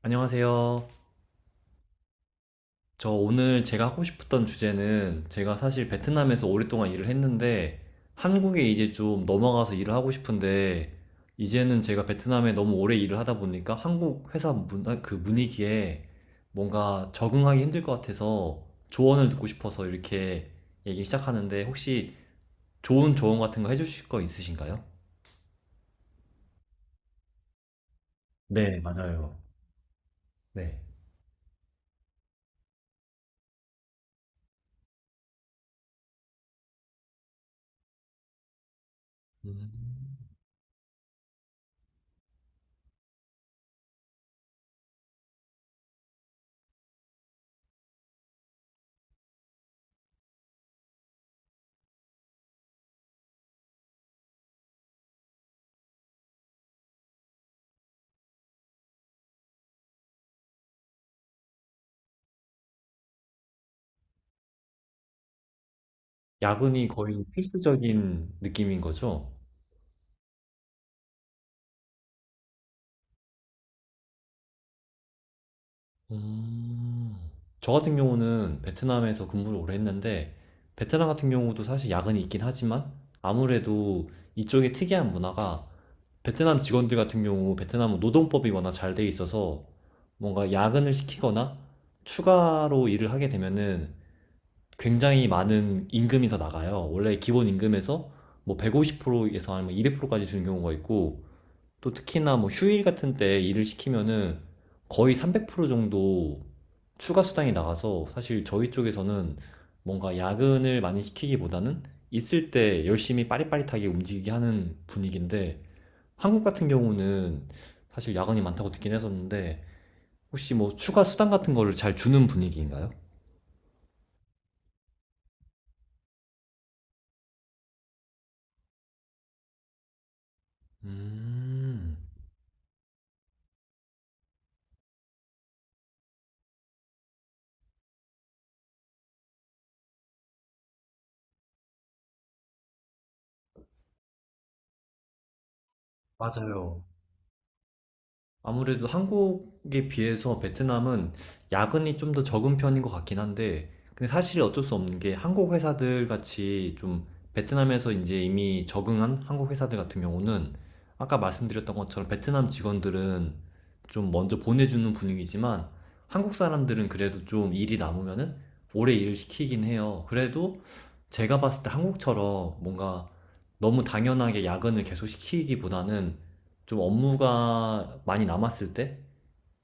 안녕하세요. 저 오늘 제가 하고 싶었던 주제는, 제가 사실 베트남에서 오랫동안 일을 했는데 한국에 이제 좀 넘어가서 일을 하고 싶은데, 이제는 제가 베트남에 너무 오래 일을 하다 보니까 한국 회사 그 분위기에 뭔가 적응하기 힘들 것 같아서 조언을 듣고 싶어서 이렇게 얘기를 시작하는데, 혹시 좋은 조언 같은 거 해주실 거 있으신가요? 네, 맞아요. 네. 음. 야근이 거의 필수적인 느낌인 거죠? 음. 저 같은 경우는 베트남에서 근무를 오래 했는데, 베트남 같은 경우도 사실 야근이 있긴 하지만, 아무래도 이쪽의 특이한 문화가, 베트남 직원들 같은 경우, 베트남은 노동법이 워낙 잘 돼 있어서 뭔가 야근을 시키거나 추가로 일을 하게 되면은 굉장히 많은 임금이 더 나가요. 원래 기본 임금에서 뭐 150%에서 아니면 200%까지 주는 경우가 있고, 또 특히나 뭐 휴일 같은 때 일을 시키면은 거의 300% 정도 추가 수당이 나가서, 사실 저희 쪽에서는 뭔가 야근을 많이 시키기보다는 있을 때 열심히 빠릿빠릿하게 움직이게 하는 분위기인데, 한국 같은 경우는 사실 야근이 많다고 듣긴 했었는데 혹시 뭐 추가 수당 같은 거를 잘 주는 분위기인가요? 음, 맞아요. 아무래도 한국에 비해서 베트남은 야근이 좀 더 적은 편인 것 같긴 한데, 근데 사실 어쩔 수 없는 게, 한국 회사들 같이 좀 베트남에서 이제 이미 적응한 한국 회사들 같은 경우는 아까 말씀드렸던 것처럼 베트남 직원들은 좀 먼저 보내주는 분위기지만 한국 사람들은 그래도 좀 일이 남으면은 오래 일을 시키긴 해요. 그래도 제가 봤을 때 한국처럼 뭔가 너무 당연하게 야근을 계속 시키기보다는 좀 업무가 많이 남았을 때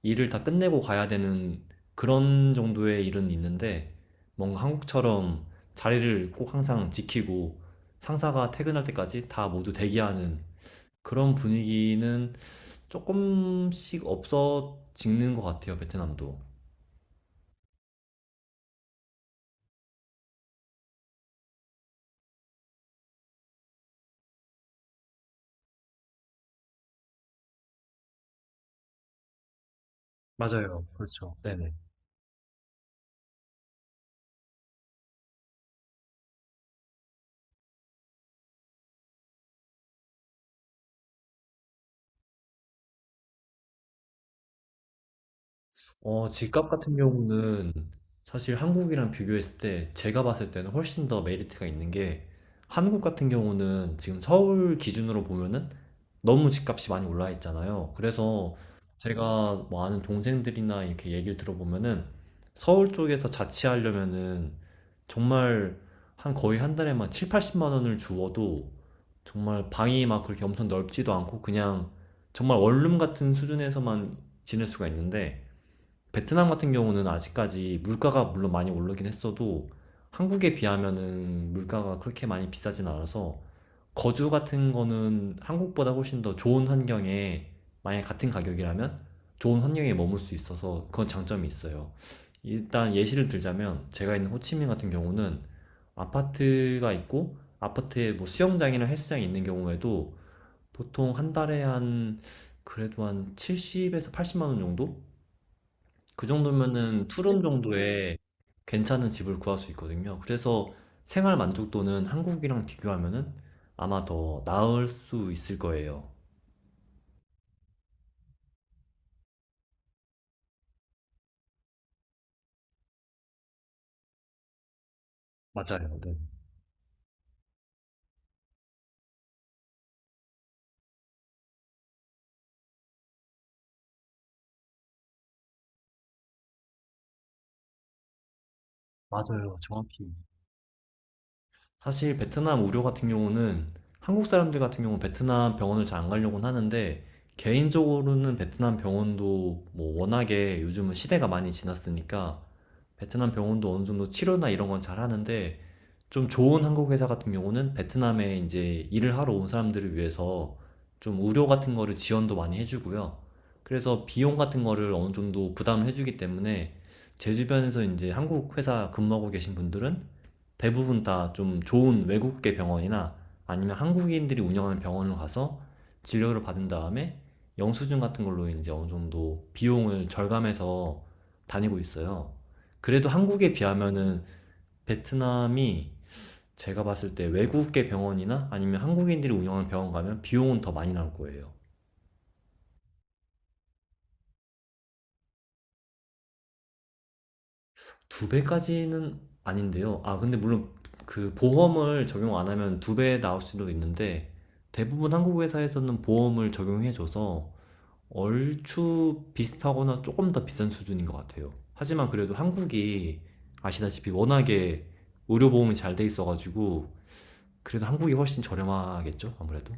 일을 다 끝내고 가야 되는 그런 정도의 일은 있는데, 뭔가 한국처럼 자리를 꼭 항상 지키고 상사가 퇴근할 때까지 다 모두 대기하는 그런 분위기는 조금씩 없어지는 것 같아요, 베트남도. 맞아요. 그렇죠. 네네. 어, 집값 같은 경우는 사실 한국이랑 비교했을 때 제가 봤을 때는 훨씬 더 메리트가 있는 게, 한국 같은 경우는 지금 서울 기준으로 보면은 너무 집값이 많이 올라 있잖아요. 그래서 제가 뭐 아는 동생들이나 이렇게 얘기를 들어보면은 서울 쪽에서 자취하려면은 정말 한 거의 한 달에만 7, 80만 원을 주어도 정말 방이 막 그렇게 엄청 넓지도 않고 그냥 정말 원룸 같은 수준에서만 지낼 수가 있는데, 베트남 같은 경우는 아직까지 물가가 물론 많이 오르긴 했어도 한국에 비하면은 물가가 그렇게 많이 비싸진 않아서 거주 같은 거는 한국보다 훨씬 더 좋은 환경에, 만약 같은 가격이라면 좋은 환경에 머물 수 있어서 그건 장점이 있어요. 일단 예시를 들자면 제가 있는 호치민 같은 경우는 아파트가 있고, 아파트에 뭐 수영장이나 헬스장이 있는 경우에도 보통 한 달에 한, 그래도 한 70에서 80만 원 정도? 그 정도면은 투룸 정도에 괜찮은 집을 구할 수 있거든요. 그래서 생활 만족도는 한국이랑 비교하면은 아마 더 나을 수 있을 거예요. 맞아요. 네. 맞아요. 정확히. 사실 베트남 의료 같은 경우는, 한국 사람들 같은 경우는 베트남 병원을 잘 안 가려고는 하는데, 개인적으로는 베트남 병원도 뭐 워낙에 요즘은 시대가 많이 지났으니까 베트남 병원도 어느 정도 치료나 이런 건 잘 하는데, 좀 좋은 한국 회사 같은 경우는 베트남에 이제 일을 하러 온 사람들을 위해서 좀 의료 같은 거를 지원도 많이 해주고요. 그래서 비용 같은 거를 어느 정도 부담을 해주기 때문에, 제 주변에서 이제 한국 회사 근무하고 계신 분들은 대부분 다 좀 좋은 외국계 병원이나 아니면 한국인들이 운영하는 병원을 가서 진료를 받은 다음에 영수증 같은 걸로 이제 어느 정도 비용을 절감해서 다니고 있어요. 그래도 한국에 비하면은 베트남이, 제가 봤을 때 외국계 병원이나 아니면 한국인들이 운영하는 병원 가면 비용은 더 많이 나올 거예요. 두 배까지는 아닌데요. 아, 근데 물론 그 보험을 적용 안 하면 두 배 나올 수도 있는데 대부분 한국 회사에서는 보험을 적용해줘서 얼추 비슷하거나 조금 더 비싼 수준인 것 같아요. 하지만 그래도 한국이 아시다시피 워낙에 의료보험이 잘 돼 있어가지고 그래도 한국이 훨씬 저렴하겠죠? 아무래도.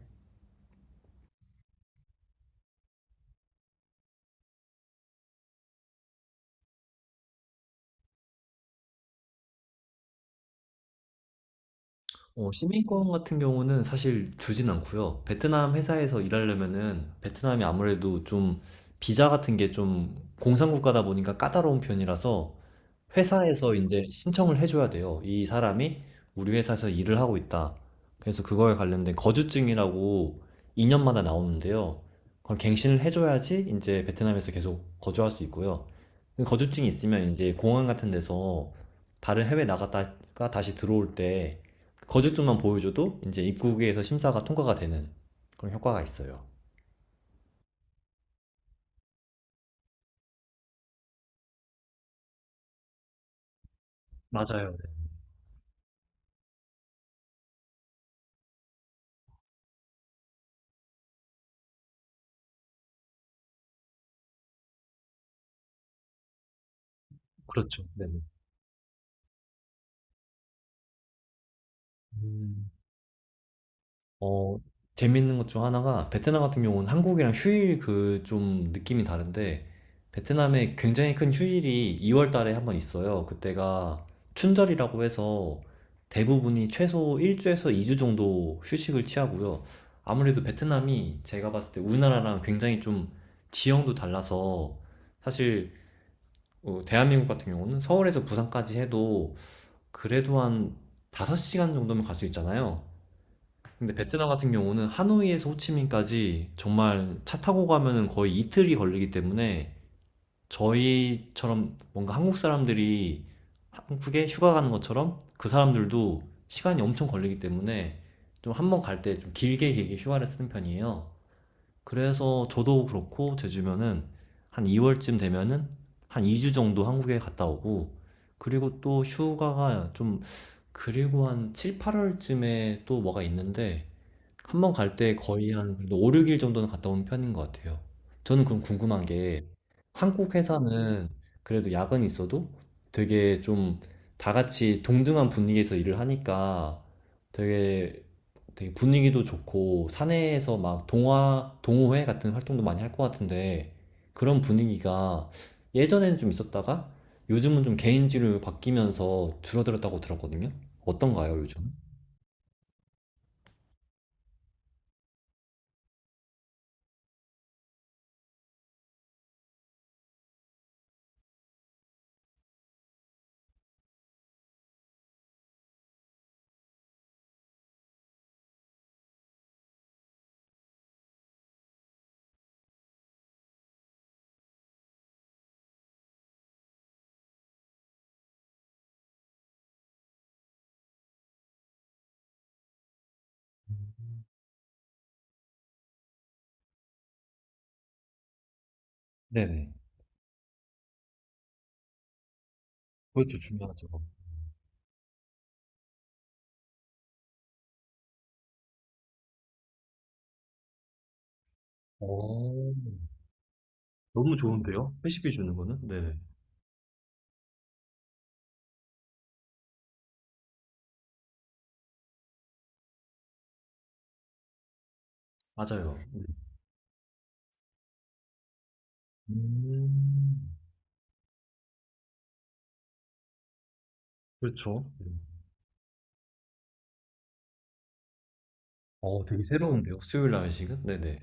어, 시민권 같은 경우는 사실 주진 않고요. 베트남 회사에서 일하려면은 베트남이 아무래도 좀 비자 같은 게 좀 공산국가다 보니까 까다로운 편이라서 회사에서 이제 신청을 해 줘야 돼요. 이 사람이 우리 회사에서 일을 하고 있다. 그래서 그거에 관련된 거주증이라고 2년마다 년마다 나오는데요. 그걸 갱신을 해 줘야지 이제 베트남에서 계속 거주할 수 있고요. 그 거주증이 있으면 이제 공항 같은 데서 다른 해외 나갔다가 다시 들어올 때 거주증만 보여 줘도 이제 입국에서 심사가 통과가 되는 그런 효과가 있어요. 맞아요. 네. 그렇죠. 네네. 음. 어, 재밌는 것 중 하나가 베트남 같은 경우는 한국이랑 휴일 그 좀 느낌이 다른데, 베트남에 굉장히 큰 휴일이 2월 달에 한 번 있어요. 그때가 춘절이라고 해서 대부분이 최소 1주에서 2주 정도 휴식을 취하고요. 아무래도 베트남이 제가 봤을 때 우리나라랑 굉장히 좀 지형도 달라서, 사실 어, 대한민국 같은 경우는 서울에서 부산까지 해도 그래도 한 5시간 정도면 갈 수 있잖아요. 근데 베트남 같은 경우는 하노이에서 호치민까지 정말 차 타고 가면은 거의 이틀이 걸리기 때문에 저희처럼 뭔가 한국 사람들이 한국에 휴가 가는 것처럼 그 사람들도 시간이 엄청 걸리기 때문에 좀 한 번 갈 때 좀 길게 길게 휴가를 쓰는 편이에요. 그래서 저도 그렇고 제 주변은 한 2월쯤 되면은 한 2주 정도 한국에 갔다 오고, 그리고 또 휴가가 좀, 그리고 한 7, 8월쯤에 또 뭐가 있는데 한 번 갈 때 거의 한, 그래도 5-6일 정도는 갔다 온 편인 것 같아요. 저는 그럼 궁금한 게, 한국 회사는 그래도 야근이 있어도 되게 좀 다 같이 동등한 분위기에서 일을 하니까 되게, 되게 분위기도 좋고 사내에서 막 동화 동호회 같은 활동도 많이 할 것 같은데 그런 분위기가 예전에는 좀 있었다가 요즘은 좀 개인주의로 바뀌면서 줄어들었다고 들었거든요. 어떤가요, 요즘? 네네. 그렇죠. 중요하죠. 오~~ 너무 좋은데요? 회식해 주는 거는? 네. 맞아요. 네. 음. 그렇죠. 네. 어, 되게 새로운데요. 수요일 날 회식은? 네네.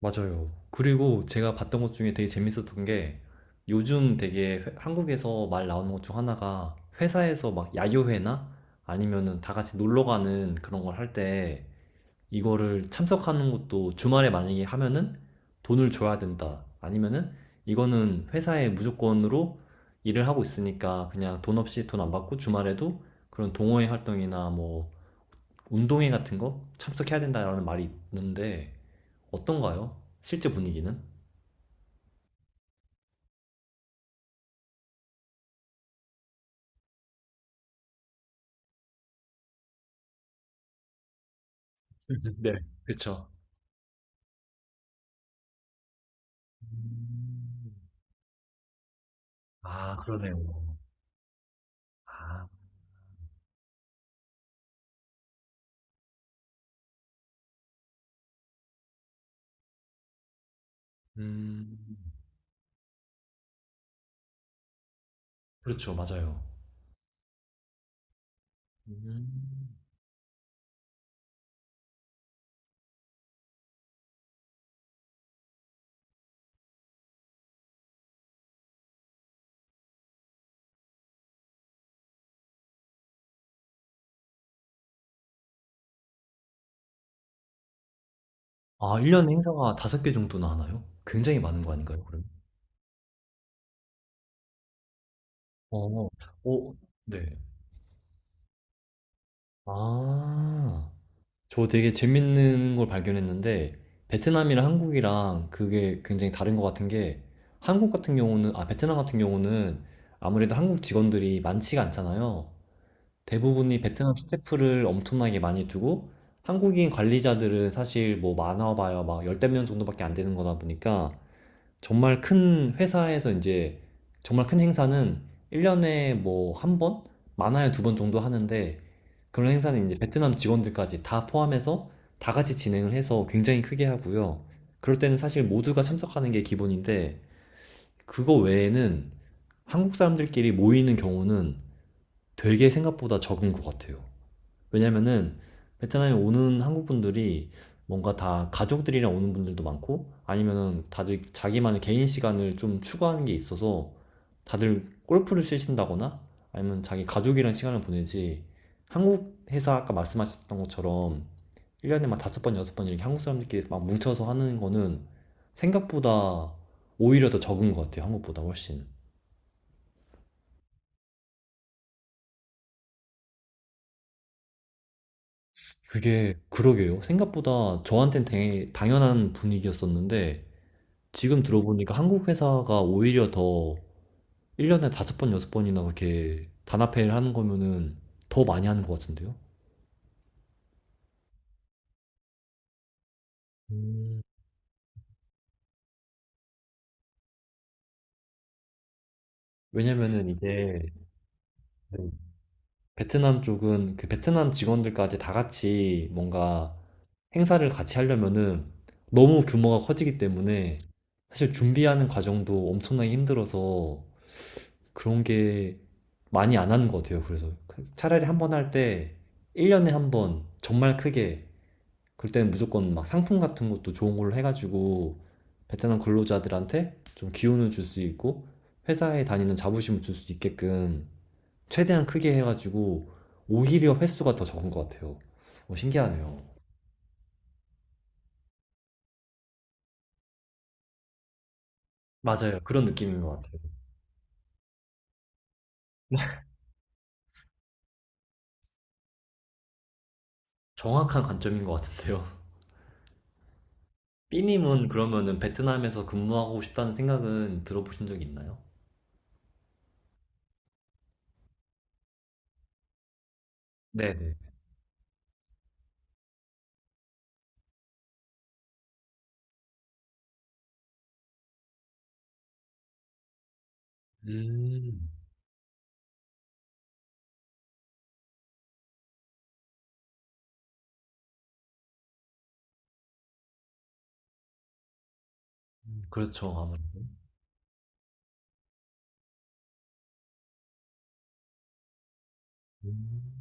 맞아요. 그리고 제가 봤던 것 중에 되게 재밌었던 게 요즘 되게 한국에서 말 나오는 것 중 하나가, 회사에서 막 야유회나 아니면은 다 같이 놀러 가는 그런 걸할때 이거를 참석하는 것도 주말에 만약에 하면은 돈을 줘야 된다. 아니면은 이거는 회사에 무조건으로 일을 하고 있으니까 그냥 돈 없이, 돈 안 받고 주말에도 그런 동호회 활동이나 뭐 운동회 같은 거 참석해야 된다라는 말이 있는데 어떤가요? 실제 분위기는? 네, 그쵸. 아, 그러네요. 아. 음. 그렇죠. 맞아요. 음. 아, 1년에 행사가 5개 정도나 하나요? 굉장히 많은 거 아닌가요? 어. 오. 네. 아. 저 되게 재밌는 걸 발견했는데 베트남이랑 한국이랑 그게 굉장히 다른 것 같은 게, 한국 같은 경우는, 아, 베트남 같은 경우는 아무래도 한국 직원들이 많지가 않잖아요. 대부분이 베트남 스태프를 엄청나게 많이 두고 한국인 관리자들은 사실 뭐 많아봐야 막 열댓 명 정도밖에 안 되는 거다 보니까 정말 큰 회사에서 이제 정말 큰 행사는 1년에 뭐 한 번? 많아야 두 번 정도 하는데, 그런 행사는 이제 베트남 직원들까지 다 포함해서 다 같이 진행을 해서 굉장히 크게 하고요. 그럴 때는 사실 모두가 참석하는 게 기본인데 그거 외에는 한국 사람들끼리 모이는 경우는 되게 생각보다 적은 것 같아요. 왜냐면은 베트남에 오는 한국 분들이 뭔가 다 가족들이랑 오는 분들도 많고, 아니면은 다들 자기만의 개인 시간을 좀 추구하는 게 있어서 다들 골프를 치신다거나 아니면 자기 가족이랑 시간을 보내지, 한국 회사 아까 말씀하셨던 것처럼 1년에 막 다섯 번, 여섯 번 이렇게 한국 사람들끼리 막 뭉쳐서 하는 거는 생각보다 오히려 더 적은 것 같아요. 한국보다 훨씬. 그게, 그러게요. 생각보다 저한텐 되게 당연한 분위기였었는데, 지금 들어보니까 한국 회사가 오히려 더 1년에 5번, 6번이나 그렇게 단합회의를 하는 거면은 더 많이 하는 것 같은데요? 음. 왜냐면은 이제, 네, 베트남 쪽은 그 베트남 직원들까지 다 같이 뭔가 행사를 같이 하려면은 너무 규모가 커지기 때문에 사실 준비하는 과정도 엄청나게 힘들어서 그런 게 많이 안 하는 것 같아요. 그래서 그 차라리 한번 할 때 1년에 한번 정말 크게, 그럴 때는 무조건 막 상품 같은 것도 좋은 걸로 해가지고 베트남 근로자들한테 좀 기운을 줄 수 있고 회사에 다니는 자부심을 줄 수 있게끔 최대한 크게 해가지고 오히려 횟수가 더 적은 것 같아요. 어, 신기하네요. 맞아요. 그런 느낌인 것 같아요. 정확한 관점인 것 같은데요. 삐님은 그러면은 베트남에서 근무하고 싶다는 생각은 들어보신 적이 있나요? 네네. 음, 그렇죠. 아무래도. 음.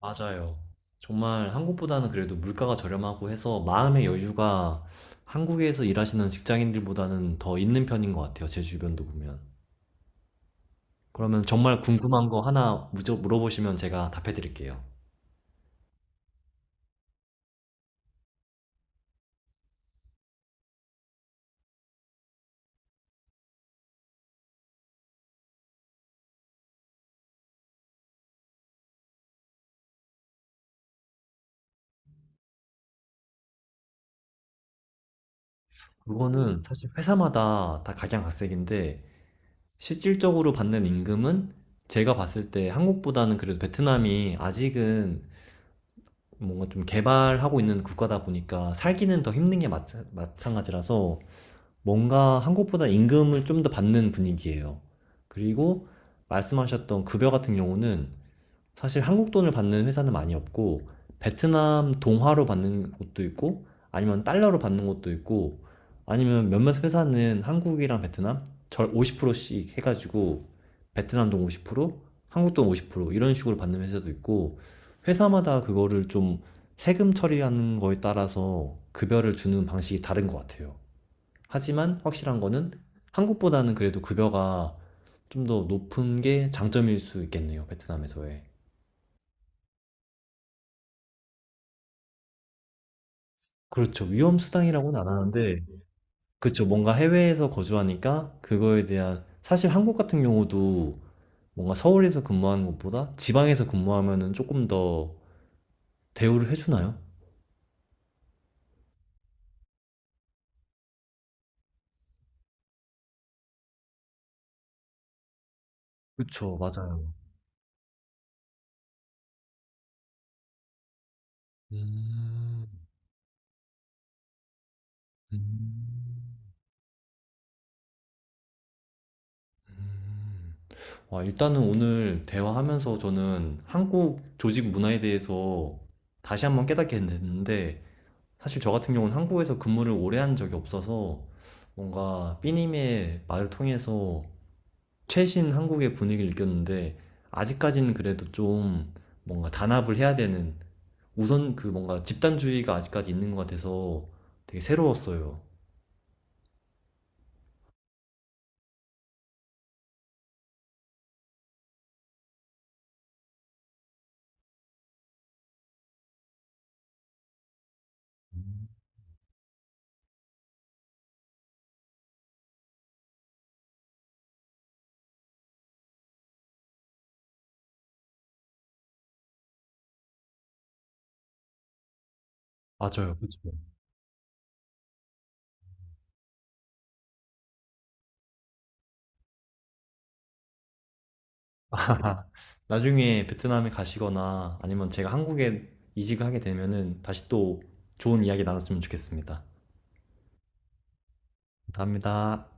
맞아요. 정말 한국보다는 그래도 물가가 저렴하고 해서 마음의 여유가 한국에서 일하시는 직장인들보다는 더 있는 편인 것 같아요. 제 주변도 보면. 그러면 정말 궁금한 거 하나 물어보시면 제가 답해 드릴게요. 그거는 사실 회사마다 다 각양각색인데 실질적으로 받는 임금은 제가 봤을 때 한국보다는 그래도 베트남이 아직은 뭔가 좀 개발하고 있는 국가다 보니까 살기는 더 힘든 게 마찬가지라서 뭔가 한국보다 임금을 좀 더 받는 분위기예요. 그리고 말씀하셨던 급여 같은 경우는 사실 한국 돈을 받는 회사는 많이 없고 베트남 동화로 받는 곳도 있고 아니면 달러로 받는 곳도 있고, 아니면 몇몇 회사는 한국이랑 베트남 절 50%씩 해가지고 베트남 돈 50%, 한국 돈 50% 이런 식으로 받는 회사도 있고, 회사마다 그거를 좀 세금 처리하는 거에 따라서 급여를 주는 방식이 다른 것 같아요. 하지만 확실한 거는 한국보다는 그래도 급여가 좀 더 높은 게 장점일 수 있겠네요, 베트남에서의. 그렇죠. 위험 수당이라고는 안 하는데, 그렇죠. 뭔가 해외에서 거주하니까 그거에 대한, 사실 한국 같은 경우도 뭔가 서울에서 근무하는 것보다 지방에서 근무하면은 조금 더 대우를 해주나요? 그쵸, 맞아요. 음. 음. 음. 와, 일단은 오늘 대화하면서 저는 한국 조직 문화에 대해서 다시 한번 깨닫게 됐는데, 사실 저 같은 경우는 한국에서 근무를 오래 한 적이 없어서 뭔가 삐님의 말을 통해서 최신 한국의 분위기를 느꼈는데, 아직까지는 그래도 좀 뭔가 단합을 해야 되는, 우선 그 뭔가 집단주의가 아직까지 있는 것 같아서 되게 새로웠어요. 맞아요, 그렇죠. 나중에 베트남에 가시거나 아니면 제가 한국에 이직을 하게 되면은 다시 또 좋은 이야기 나눴으면 좋겠습니다. 감사합니다.